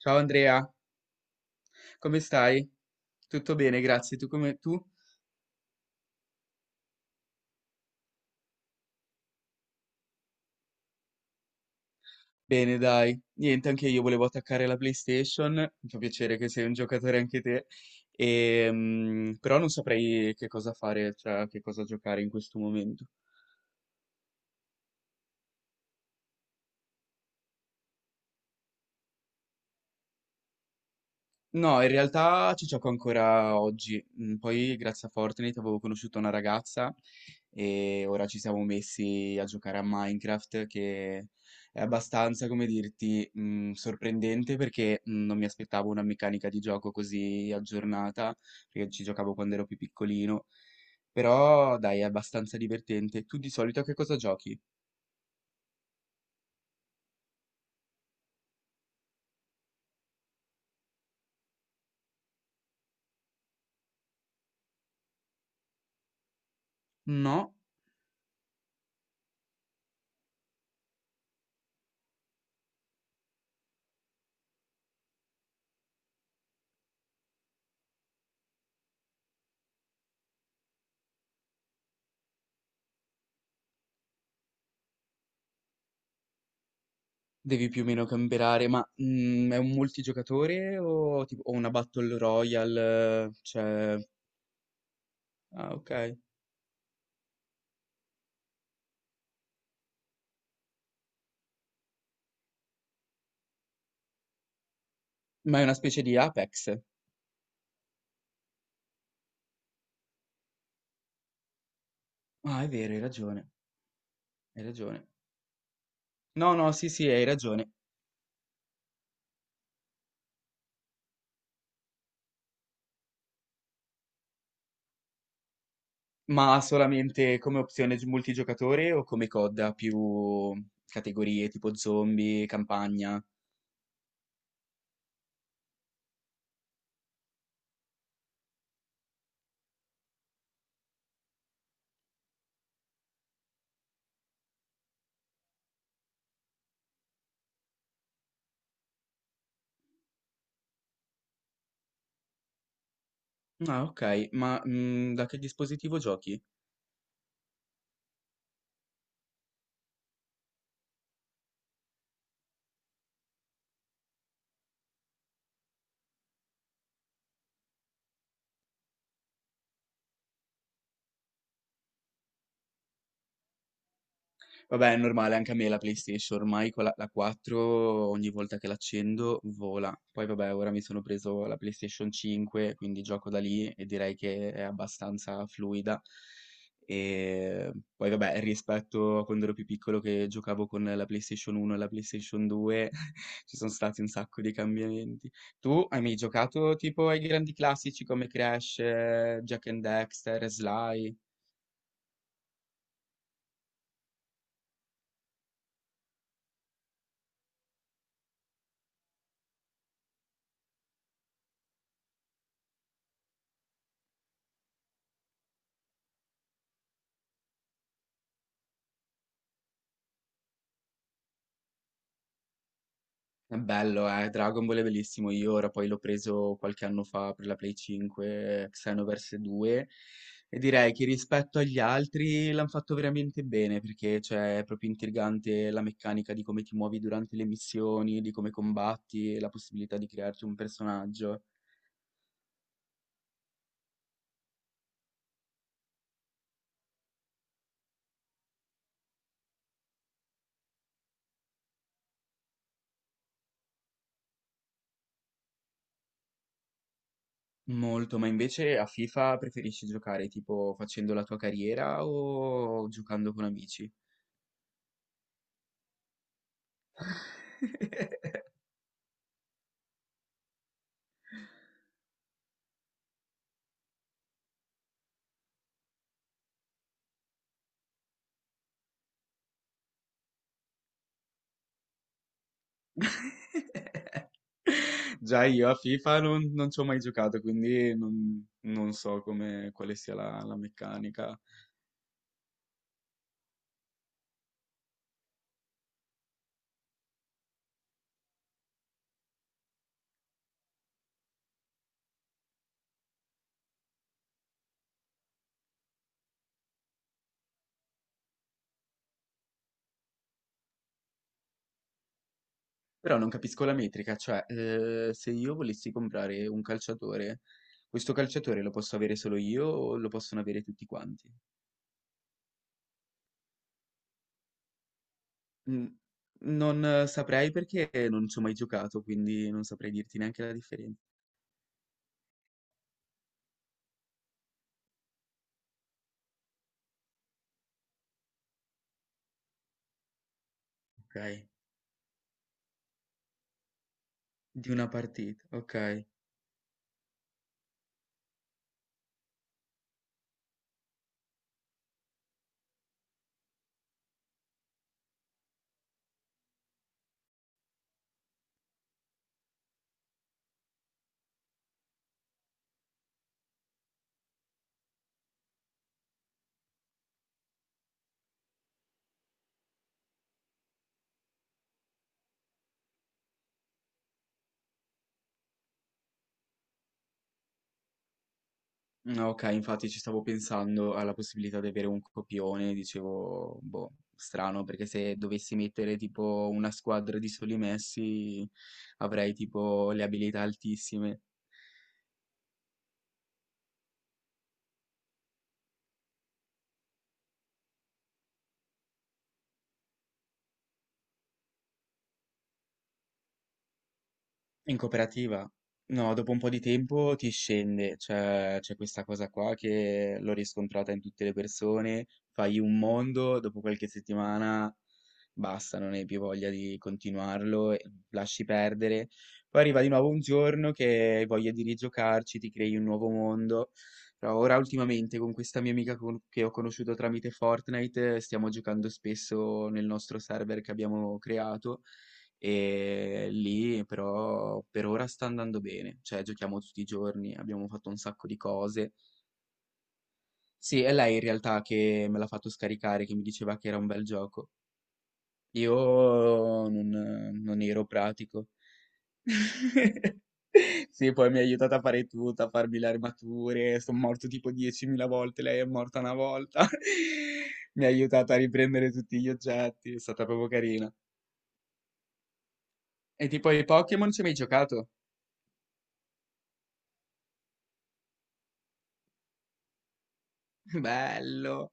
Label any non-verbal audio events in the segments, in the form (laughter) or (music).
Ciao Andrea, come stai? Tutto bene, grazie. Tu come tu? Bene, dai. Niente, anche io volevo attaccare la PlayStation. Mi fa piacere che sei un giocatore anche te. Però non saprei che cosa fare, cioè che cosa giocare in questo momento. No, in realtà ci gioco ancora oggi. Poi, grazie a Fortnite, avevo conosciuto una ragazza e ora ci siamo messi a giocare a Minecraft, che è abbastanza, come dirti, sorprendente perché non mi aspettavo una meccanica di gioco così aggiornata, perché ci giocavo quando ero più piccolino. Però, dai, è abbastanza divertente. Tu di solito a che cosa giochi? No? Devi più o meno camperare, ma è un multigiocatore o tipo o una Battle Royale? Cioè, ah, ok. Ma è una specie di Apex. Ah, è vero, hai ragione, hai ragione. No, no, sì, sì, hai ragione. Ma solamente come opzione multigiocatore o come coda più categorie tipo zombie, campagna? Ah, ok, ma da che dispositivo giochi? Vabbè, è normale, anche a me la PlayStation, ormai con la 4 ogni volta che l'accendo vola. Poi vabbè, ora mi sono preso la PlayStation 5, quindi gioco da lì e direi che è abbastanza fluida. E poi vabbè, rispetto a quando ero più piccolo che giocavo con la PlayStation 1 e la PlayStation 2, (laughs) ci sono stati un sacco di cambiamenti. Tu hai mai giocato tipo ai grandi classici come Crash, Jack and Dexter, Sly? È bello, Dragon Ball è bellissimo. Io ora poi l'ho preso qualche anno fa per la Play 5, Xenoverse 2, e direi che rispetto agli altri l'hanno fatto veramente bene perché cioè, è proprio intrigante la meccanica di come ti muovi durante le missioni, di come combatti, e la possibilità di crearti un personaggio. Molto, ma invece a FIFA preferisci giocare tipo facendo la tua carriera o giocando con amici? (laughs) Già io a FIFA non ci ho mai giocato, quindi non so come, quale sia la meccanica. Però non capisco la metrica, cioè se io volessi comprare un calciatore, questo calciatore lo posso avere solo io o lo possono avere tutti quanti? Mm, Non saprei perché non ci ho mai giocato, quindi non saprei dirti neanche la differenza. Ok, di una partita, ok. Ok, infatti ci stavo pensando alla possibilità di avere un copione, dicevo, boh, strano, perché se dovessi mettere tipo una squadra di soli messi avrei tipo le abilità altissime. In cooperativa? No, dopo un po' di tempo ti scende, cioè c'è questa cosa qua che l'ho riscontrata in tutte le persone, fai un mondo, dopo qualche settimana basta, non hai più voglia di continuarlo, e lasci perdere. Poi arriva di nuovo un giorno che hai voglia di rigiocarci, ti crei un nuovo mondo. Però ora ultimamente con questa mia amica che ho conosciuto tramite Fortnite stiamo giocando spesso nel nostro server che abbiamo creato. E lì però per ora sta andando bene, cioè giochiamo tutti i giorni, abbiamo fatto un sacco di cose. Sì, è lei in realtà che me l'ha fatto scaricare, che mi diceva che era un bel gioco. Io non ero pratico. (laughs) Sì, poi mi ha aiutato a fare tutto, a farmi le armature, sono morto tipo 10.000 volte, lei è morta una volta. (laughs) Mi ha aiutato a riprendere tutti gli oggetti, è stata proprio carina. E tipo ai Pokémon ci hai mai giocato? (laughs) Bello.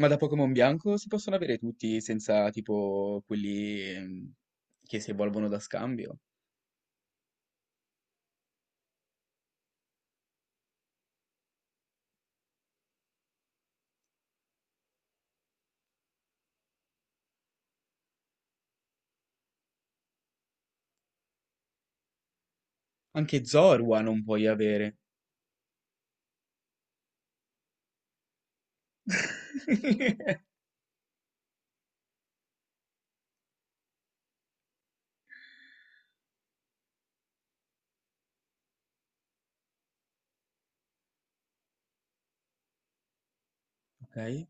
Ma da Pokémon bianco si possono avere tutti senza tipo quelli che si evolvono da scambio? Anche Zorua non puoi avere. (laughs) Ok? Ok?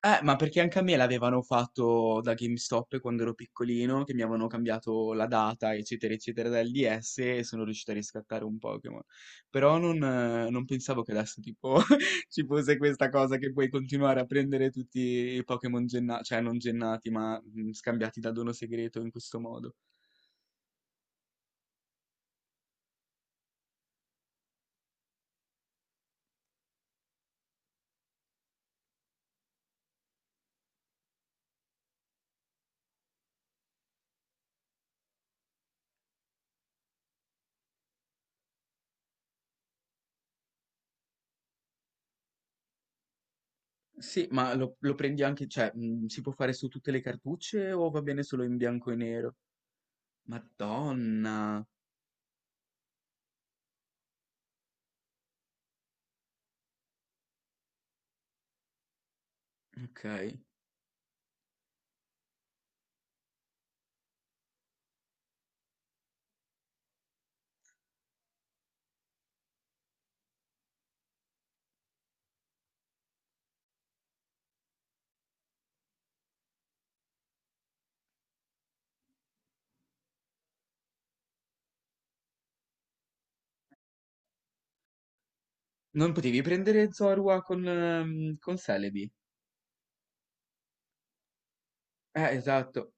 Ma perché anche a me l'avevano fatto da GameStop quando ero piccolino, che mi avevano cambiato la data, eccetera, eccetera, dal DS e sono riuscito a riscattare un Pokémon. Però non pensavo che adesso tipo (laughs) ci fosse questa cosa che puoi continuare a prendere tutti i Pokémon gennati, cioè non gennati, ma scambiati da dono segreto in questo modo. Sì, ma lo prendi anche, cioè, si può fare su tutte le cartucce o va bene solo in bianco e nero? Madonna, ok. Non potevi prendere Zorua con Celebi? Esatto.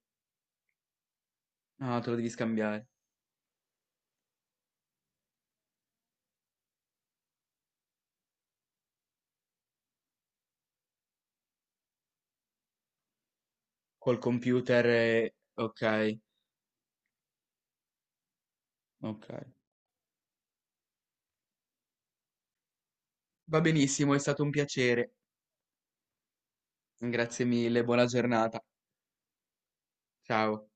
No, te lo devi scambiare. Col computer. Ok, ok. Va benissimo, è stato un piacere. Grazie mille, buona giornata. Ciao.